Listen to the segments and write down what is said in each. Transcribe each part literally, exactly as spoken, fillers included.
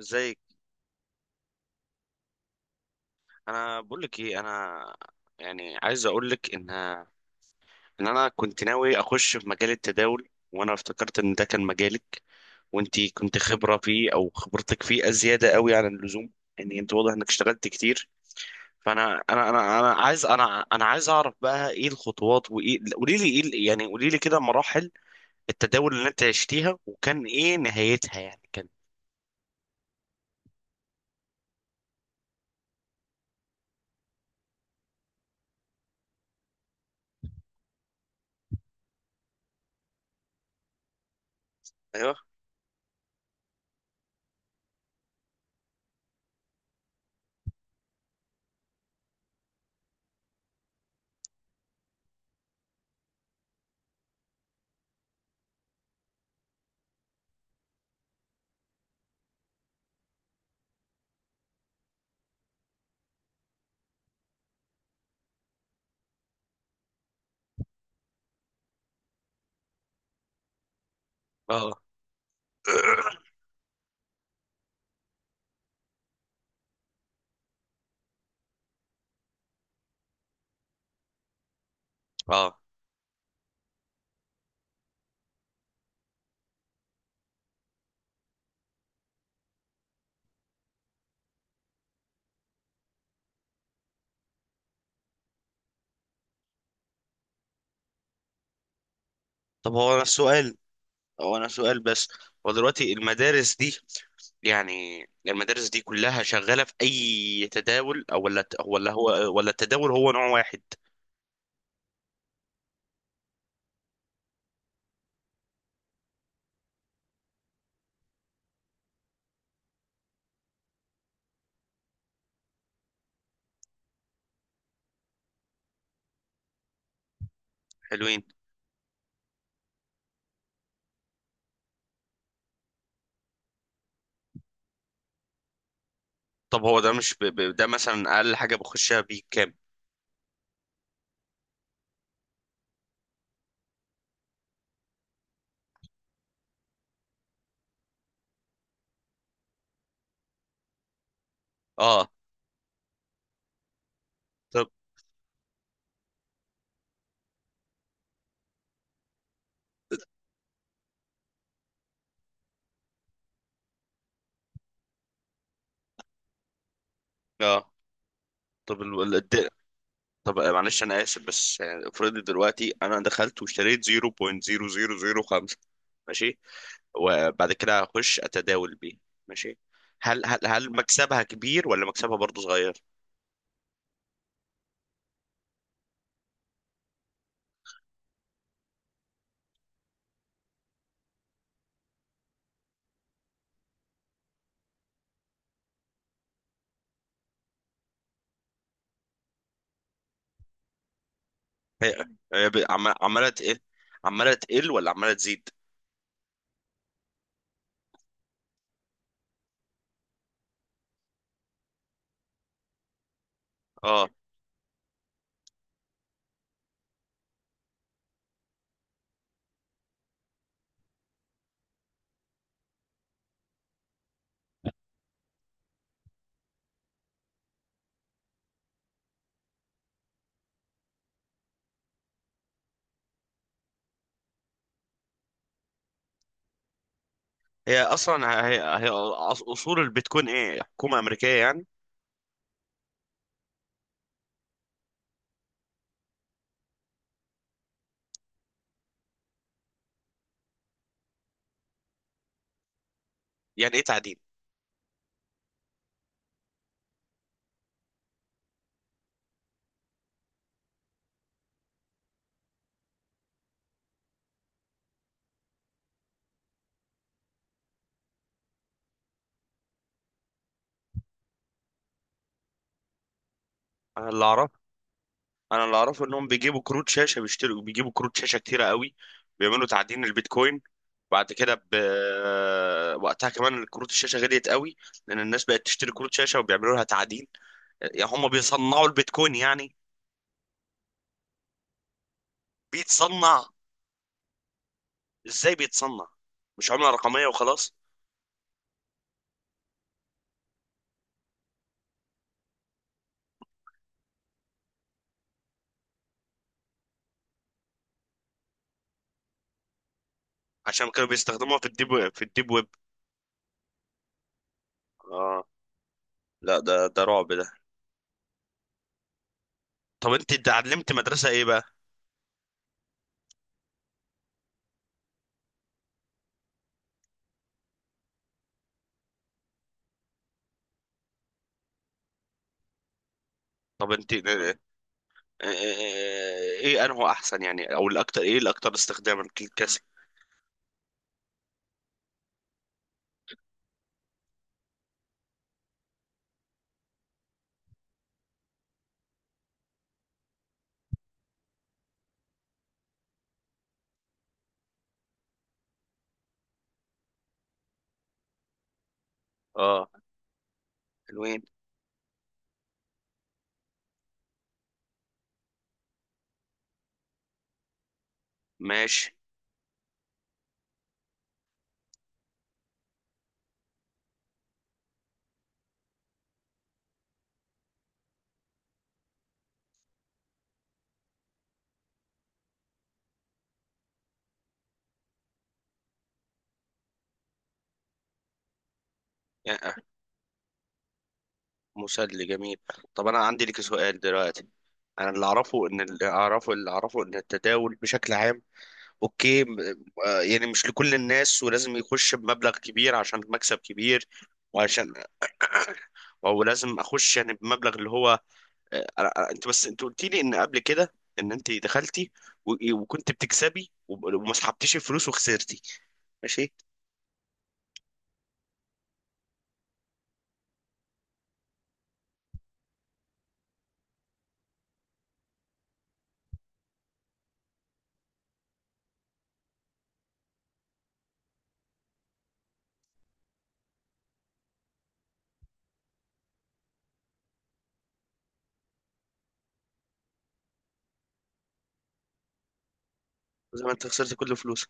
ازيك؟ انا بقول لك ايه، انا يعني عايز اقول لك ان ان انا كنت ناوي اخش في مجال التداول، وانا افتكرت ان ده كان مجالك، وانت كنت خبره فيه او خبرتك فيه ازياده قوي عن اللزوم. يعني انت واضح انك اشتغلت كتير. فانا انا انا انا عايز انا انا عايز اعرف بقى ايه الخطوات، وايه، قولي لي ايه ال- يعني قولي لي كده مراحل التداول اللي انت عشتيها، وكان ايه نهايتها؟ يعني كان. ايوه. اه. اه. طب هو أنا السؤال، هو انا سؤال بس. هو دلوقتي المدارس دي، يعني المدارس دي كلها شغالة في اي تداول، او ولا ولا هو ولا التداول هو نوع واحد؟ حلوين. طب هو ده مش ب... ب... ده مثلا اقل حاجة بخشها بكام؟ اه. طب اه. طب ال... ال... الد- طب معلش انا اسف، بس يعني افرضي دلوقتي انا دخلت واشتريت زيرو بوينت زيرو زيرو زيرو خمسة، ماشي، وبعد كده هخش اتداول بيه، ماشي، هل هل هل مكسبها كبير ولا مكسبها برضه صغير؟ هي هي ب- عم- عماله تقل، عماله تقل ولا عماله تزيد؟ اه. هي اصلا هي هي أص- اصول البيتكوين ايه؟ حكومه امريكيه يعني؟ يعني ايه تعدين؟ انا اللي اعرف، انا اللي اعرفه انهم بيجيبوا كروت شاشه، بيشتروا، بيجيبوا كروت شاشه كتيره قوي، بيعملوا تعدين البيتكوين، بعد كده ب... وقتها كمان كروت الشاشه غليت قوي، لان الناس بقت تشتري كروت شاشه وبيعملوا لها تعدين. يعني هم بيصنعوا البيتكوين يعني. بيتصنع؟ ازاي بيتصنع؟ مش عمله رقميه وخلاص؟ عشان كانوا بيستخدموها في الديب ويب، في الديب ويب. اه. لا ده، ده رعب ده. طب انت اتعلمت مدرسة ايه بقى؟ طب انت ايه، ايه انه احسن يعني، او الاكتر، ايه الاكتر استخداما للكسر؟ اه. حلوين. ماشي. اه، آه. مسلي جميل. طب انا عندي لك سؤال دلوقتي. انا اللي اعرفه ان اللي اعرفه اللي اعرفه ان التداول بشكل عام، اوكي م- اه، يعني مش لكل الناس، ولازم يخش بمبلغ كبير عشان مكسب كبير، وعشان، او لازم اخش يعني بمبلغ اللي هو، آه، أنا- انت بس انت قلت لي ان قبل كده ان انت دخلتي و- وكنت بتكسبي وب- وما سحبتيش الفلوس وخسرتي، ماشي. زي ما انت خسرت كل فلوسك.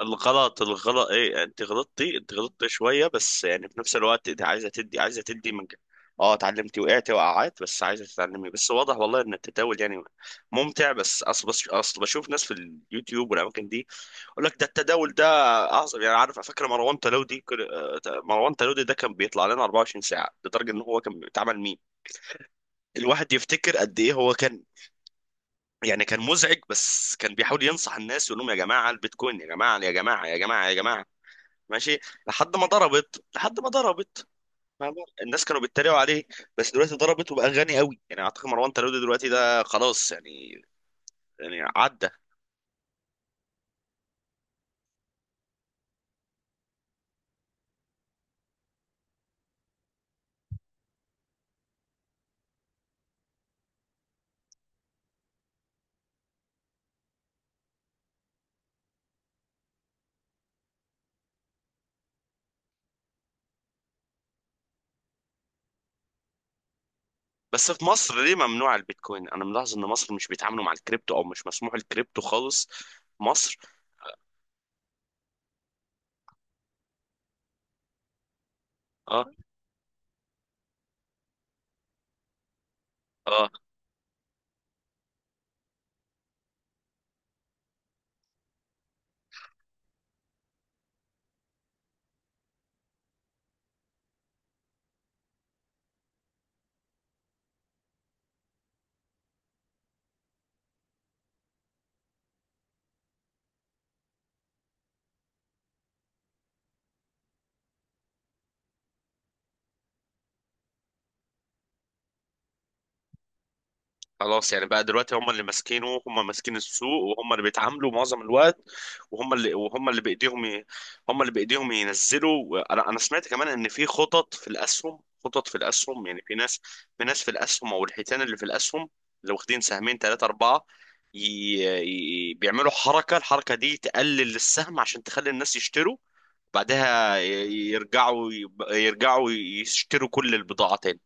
الغلط الغلط ايه، انت غلطتي، انت غلطتي شويه، بس يعني في نفس الوقت انت عايزه تدي، عايزه تدي من ج- اه. اتعلمتي، وقعتي وقعات، بس عايزه تتعلمي، بس واضح والله ان التداول يعني ممتع. بس اصل بس اصل بشوف ناس في اليوتيوب والاماكن دي، اقول لك ده التداول ده اعظم يعني. عارف فاكر مروان تلودي كل- آه، مروان تلودي ده كان بيطلع لنا اربعة وعشرين ساعه، لدرجه ان هو كان بيتعمل ميم. الواحد يفتكر قد ايه هو كان، يعني كان مزعج، بس كان بيحاول ينصح الناس، يقول لهم يا جماعه البيتكوين، يا جماعه يا جماعه يا جماعه يا جماعه، ماشي، لحد ما ضربت لحد ما ضربت. فاهم؟ الناس كانوا بيتريقوا عليه، بس دلوقتي ضربت وبقى غني قوي. يعني اعتقد مروان تلودي دلوقتي ده خلاص يعني، يعني عدى. بس في مصر ليه ممنوع البيتكوين؟ انا ملاحظ ان مصر مش بيتعاملوا مع الكريبتو، او مش مسموح الكريبتو خالص في مصر. اه. اه. خلاص يعني بقى دلوقتي هم اللي ماسكينه، هم ماسكين السوق، وهم اللي بيتعاملوا معظم الوقت. وهم اللي وهم اللي بايديهم ي... هم اللي بايديهم ينزلوا. انا انا سمعت كمان ان في خطط في الاسهم، خطط في الاسهم يعني في ناس، في ناس في الاسهم، او الحيتان اللي في الاسهم، اللي واخدين سهمين، ثلاثة، أربعة، ي... ي... بيعملوا حركة، الحركة دي تقلل السهم عشان تخلي الناس يشتروا، بعدها ي- يرجعوا يب- يرجعوا يشتروا كل البضاعة تاني.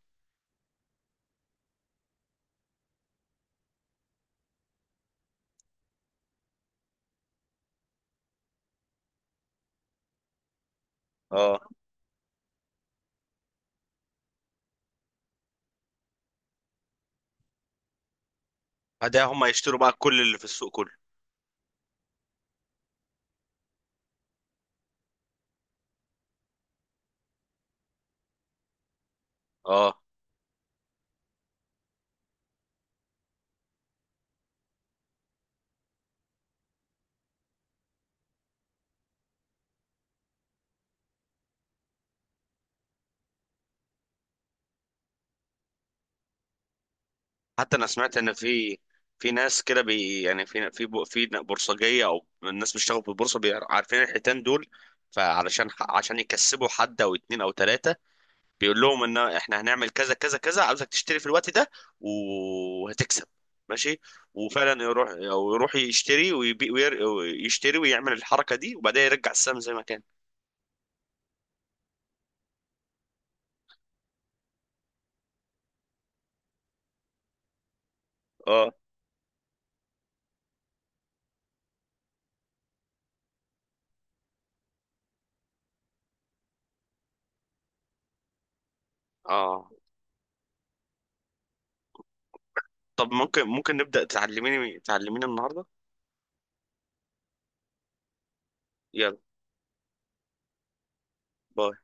اه. بعدها هم يشتروا بقى كل اللي في السوق كله. اه. حتى انا سمعت ان في في ناس كده بي يعني في في ب- في بورصجية او الناس بيشتغلوا في البورصة، بي- عارفين الحيتان دول، فعلشان ح- عشان يكسبوا حد او اتنين او تلاتة، بيقول لهم ان احنا هنعمل كذا كذا كذا، عاوزك تشتري في الوقت ده وهتكسب، ماشي، وفعلا يروح، او يروح يشتري ويبيع ويشتري ويعمل الحركه دي، وبعدين يرجع السهم زي ما كان. اه. اه. طب ممكن، ممكن نبدا تعلميني، تعلميني النهارده؟ يلا. باي.